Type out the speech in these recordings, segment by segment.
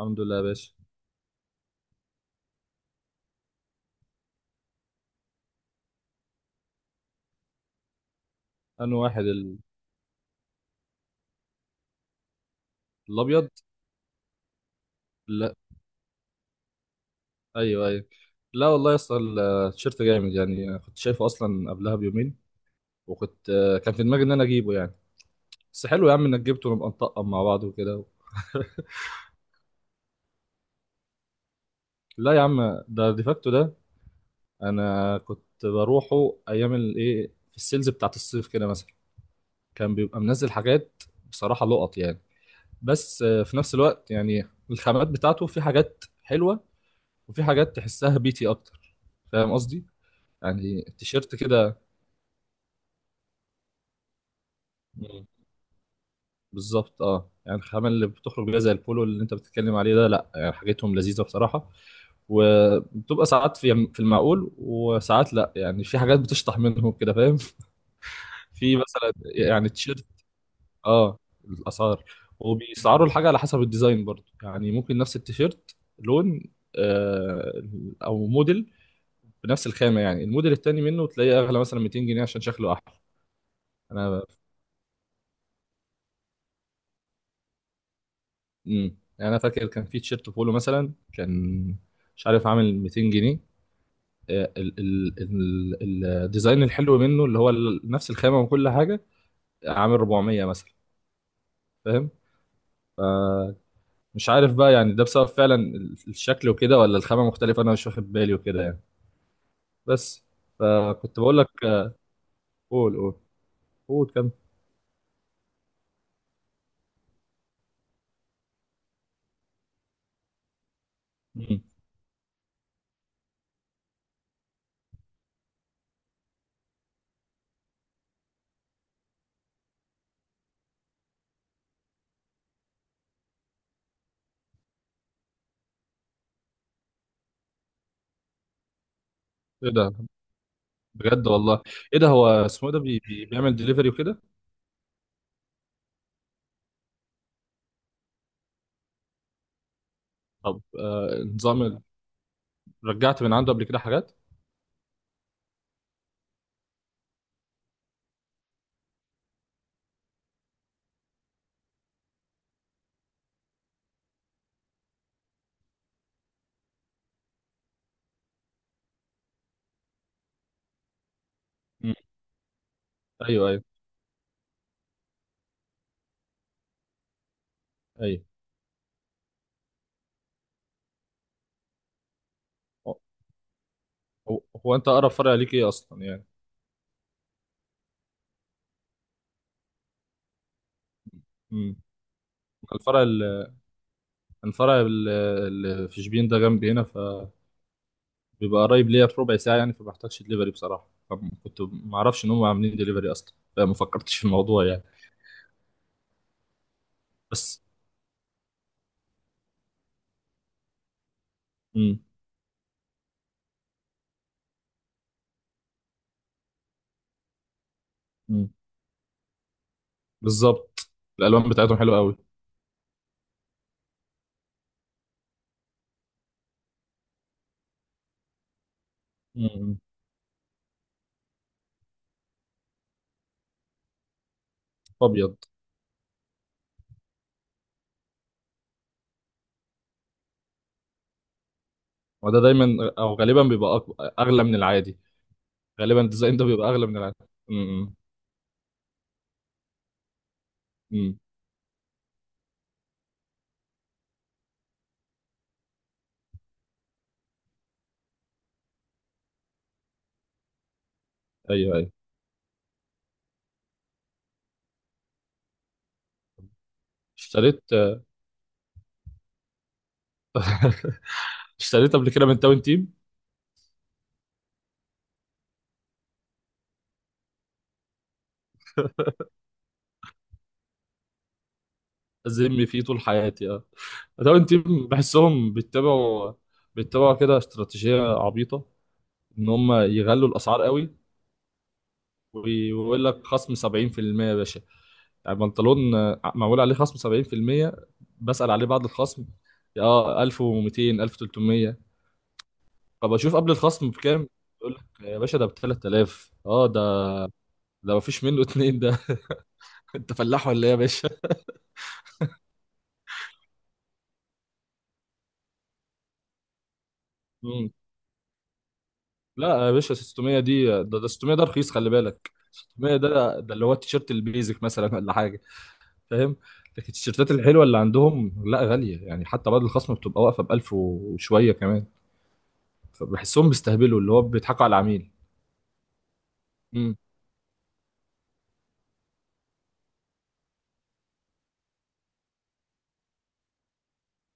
الحمد لله يا باشا. انا واحد ال- الابيض. لا. ايوه، ايوه. لا والله يا اسطى التيشيرت جامد يعني، أنا كنت شايفه اصلا قبلها بيومين، وكنت كان في دماغي ان انا اجيبه يعني. بس حلو يا عم انك جبته ونبقى نطقم مع بعض وكده لا يا عم، ده ديفاكتو ده. انا كنت بروحه ايام الايه في السيلز بتاعت الصيف كده مثلا، كان بيبقى منزل حاجات. بصراحه لقط يعني، بس في نفس الوقت يعني الخامات بتاعته في حاجات حلوه، وفي حاجات تحسها بيتي اكتر. فاهم قصدي؟ يعني التيشيرت كده. مم. بالظبط اه، يعني الخامة اللي بتخرج بيها زي البولو اللي انت بتتكلم عليه ده، لا يعني حاجتهم لذيذة بصراحة. وبتبقى ساعات في المعقول، وساعات لا يعني في حاجات بتشطح منهم كده، فاهم في مثلا يعني تيشيرت. اه الاسعار. وبيسعروا الحاجة على حسب الديزاين برضو، يعني ممكن نفس التيشيرت لون، آه او موديل بنفس الخامة، يعني الموديل التاني منه تلاقيه اغلى مثلا 200 جنيه عشان شكله احلى. انا امم، انا فاكر كان في تيشيرت بولو مثلا، كان مش عارف عامل 200 جنيه، الديزاين الحلو منه نفس الخامه وكل حاجه، عامل 400 مثلا. فاهم؟ مش عارف بقى يعني ده بسبب فعلا الشكل وكده، ولا الخامه مختلفه، انا مش واخد بالي وكده يعني. بس. فكنت بقول لك آه، قول، قول. قول كم. مم. ايه ده؟ بجد والله؟ ايه ده، هو اسمه إيه ده؟ بيعمل دليفري وكده؟ طب رجعت من عنده قبل كده حاجات؟ مم. ايوه، ايوه، ايوه. هو، انت اقرب فرع ليك ايه اصلا يعني؟ امم. الفرع ال- اللي في شبين ده جنبي هنا، فبيبقى قريب ليا بربع ساعه يعني، فما بحتاجش دليفري بصراحه. فكنت ما اعرفش ان هم عاملين دليفري اصلا، فما فكرتش في الموضوع يعني. بس. امم. امم. بالظبط. الالوان بتاعتهم حلوه قوي. امم. ابيض. وده دايما او غالبا اغلى من العادي. غالبا الديزاين ده بيبقى اغلى من العادي. امم. امم. ايوه، ايوه. اشتريت. اشتريت قبل كده من تاون تيم. أذم فيه طول حياتي اه. الراون تيم، بحسهم بيتبعوا كده استراتيجية عبيطة، إن هم يغلوا الأسعار قوي. ويقول لك خصم 70% يا باشا، يعني بنطلون معمول عليه خصم 70%. بسأل عليه بعد الخصم. اه، 1200، 1300. فبشوف قبل الخصم بكام. يقول لك يا باشا ده ب 3000. اه ده، ده مفيش منه اتنين ده. انت فلاح ولا ايه يا باشا؟ لا يا باشا، 600 دي ده, ده 600 ده رخيص، خلي بالك، 600 ده ده اللي هو التيشيرت البيزك مثلا ولا حاجه. فاهم؟ لكن التيشيرتات الحلوه اللي عندهم لا، غاليه، يعني حتى بعد الخصم بتبقى واقفه ب 1000 وشويه كمان. فبحسهم بيستهبلوا، اللي هو بيضحكوا على العميل. امم.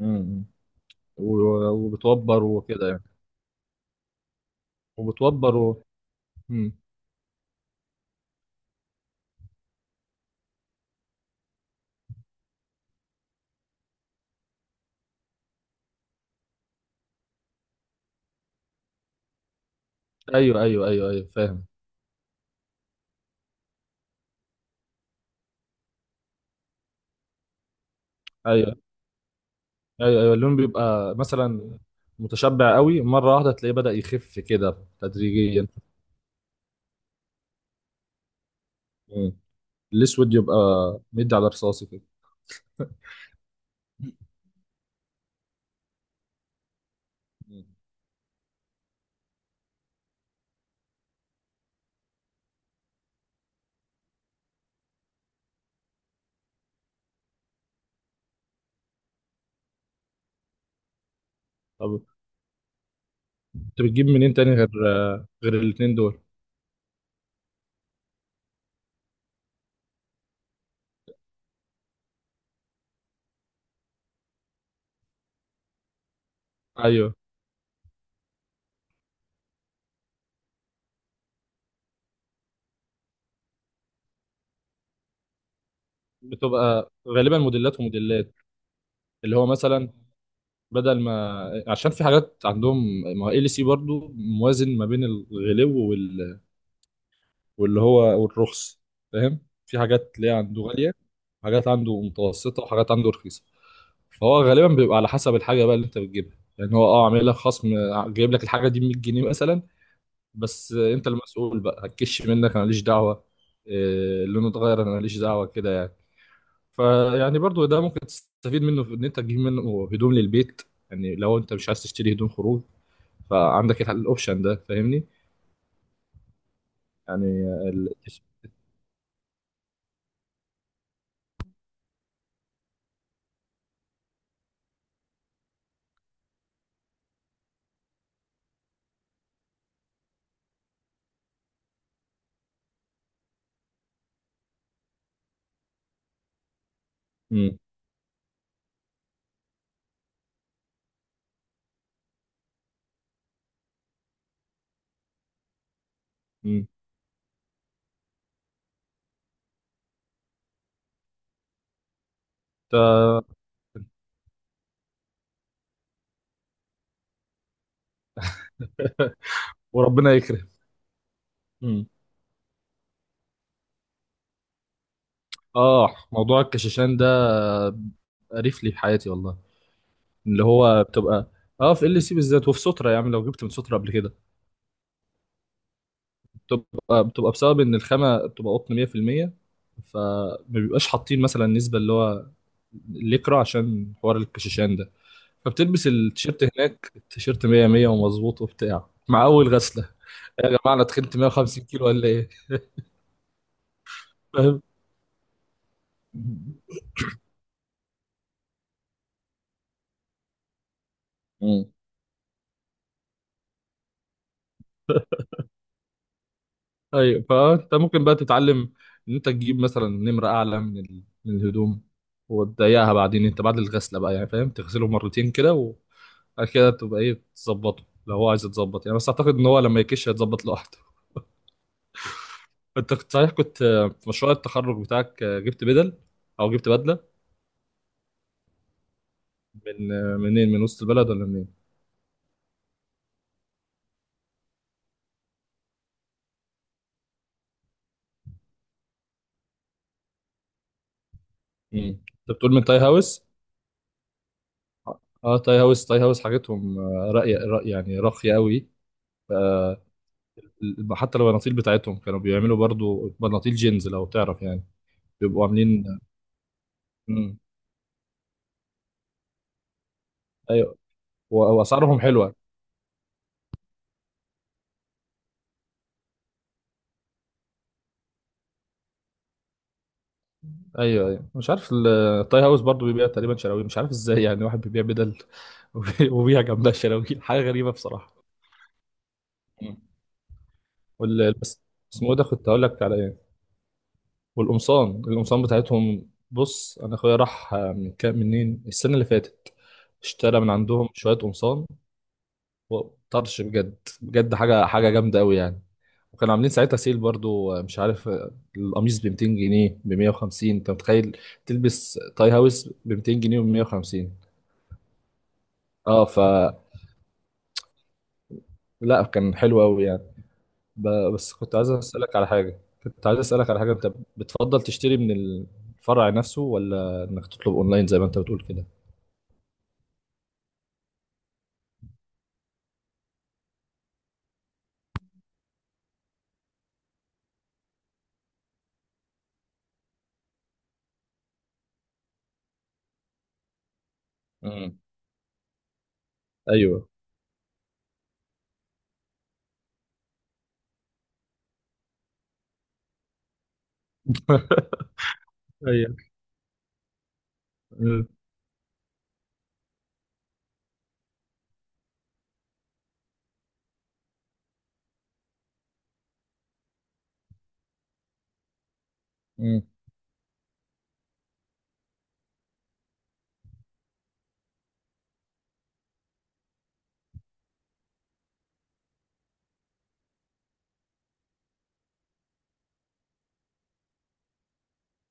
امم. وبتوبر وكده يعني. وبتوبر و... مم. ايوه، ايوه، ايوه، ايوه، فاهم. ايوه، ايوه، ايوه. اللون بيبقى مثلا متشبع قوي، مره واحده تلاقيه بدأ يخف كده تدريجيا. الاسود يبقى مدي على رصاصي كده. طب انت بتجيب منين تاني غير غير الاتنين دول؟ ايوه. بتبقى غالبا موديلات وموديلات. اللي هو مثلا، بدل ما، عشان في حاجات عندهم، ما ال سي برضو موازن ما بين الغلو وال... واللي هو والرخص. فاهم؟ في حاجات تلاقيها عنده غاليه، حاجات عنده متوسطه، وحاجات عنده رخيصه. فهو غالبا بيبقى على حسب الحاجه بقى اللي انت بتجيبها، يعني هو اه عامل لك خصم، جايب لك الحاجه دي ب 100 جنيه مثلا، بس انت المسؤول بقى، هتكش منك انا ماليش دعوه، لونه اتغير انا ماليش دعوه كده يعني. فيعني برضو ده ممكن تستفيد منه في ان انت تجيب منه هدوم للبيت، يعني لو انت مش عايز تشتري هدوم خروج، فعندك الاوبشن ده، فاهمني؟ يعني ال... مم. مم. تا- وربنا يكرم. مم. اه، موضوع الكشاشان ده قريف لي في حياتي والله. اللي هو بتبقى، اه في ال سي بالذات، وفي سترة، يعني لو جبت من سترة قبل كده، بتبقى بسبب ان الخامه بتبقى قطن 100%، فما بيبقاش حاطين مثلا نسبه اللي هو الليكرا عشان حوار الكشاشان ده. فبتلبس التيشيرت هناك، التيشيرت 100 100 ومظبوط وبتاع مع اول غسله، يا جماعه انا تخنت 150 كيلو ولا ايه؟ فاهم. مم. ايوه، فانت ممكن بقى تتعلم ان انت تجيب مثلا نمره اعلى من الهدوم، وتضيقها بعدين انت بعد الغسله بقى يعني، فاهم، تغسله مرتين كده، بعد كده تبقى ايه، بتظبطه لو هو عايز يتظبط يعني. بس اعتقد ان هو لما يكش هيتظبط لوحده. انت كنت صحيح، كنت في مشروع التخرج بتاعك جبت بدل، او جبت بدله، من منين، من وسط البلد ولا منين؟ مم. انت بتقول من تاي هاوس. اه، تاي هاوس، تاي هاوس حاجتهم راقيه رأي، يعني راقيه قوي. حتى لو البناطيل بتاعتهم، كانوا بيعملوا برضو بناطيل جينز لو تعرف يعني. بيبقوا عاملين. مم. ايوه. واسعارهم حلوه. ايوه، ايوه. مش عارف ال- التاي هاوس برضه بيبيع تقريبا شراويل، مش عارف ازاي يعني واحد بيبيع بدل وبيبيع جنبها شراويل، حاجه غريبه بصراحه. مم. وال بس. اسمه إيه ده، كنت هقول لك على ايه. القمصان بتاعتهم، بص انا اخويا راح من كام، منين، السنه اللي فاتت، اشترى من عندهم شويه قمصان، وطرش بجد بجد حاجه، حاجه جامده قوي يعني. وكانوا عاملين ساعتها سيل برضو مش عارف، القميص ب 200 جنيه، ب 150، انت متخيل تلبس تاي هاوس ب 200 جنيه و 150؟ اه ف. لا كان حلو قوي يعني. ب... بس كنت عايز اسالك على حاجه، كنت عايز اسالك على حاجه، انت بتفضل تشتري من الفرع نفسه، ولا انك تطلب اونلاين زي ما انت بتقول كده؟ امم. ايوه. ايوه. مم. مم.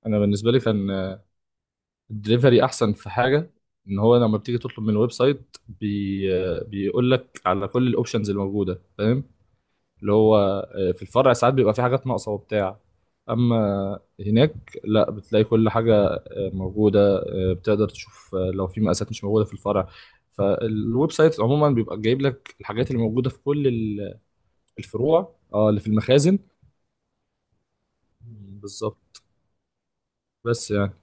انا بالنسبه لي كان الدليفري احسن في حاجه، ان هو لما بتيجي تطلب من الويب سايت بيقول لك على كل الاوبشنز الموجوده، فاهم. اللي هو في الفرع ساعات بيبقى في حاجات ناقصه وبتاع، اما هناك لا، بتلاقي كل حاجه موجوده، بتقدر تشوف لو في مقاسات مش موجوده في الفرع، فالويب سايت عموما بيبقى جايب لك الحاجات اللي موجوده في كل الفروع، اه اللي في المخازن. بالظبط. بس يعني.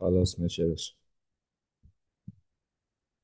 خلاص ماشي يا باشا.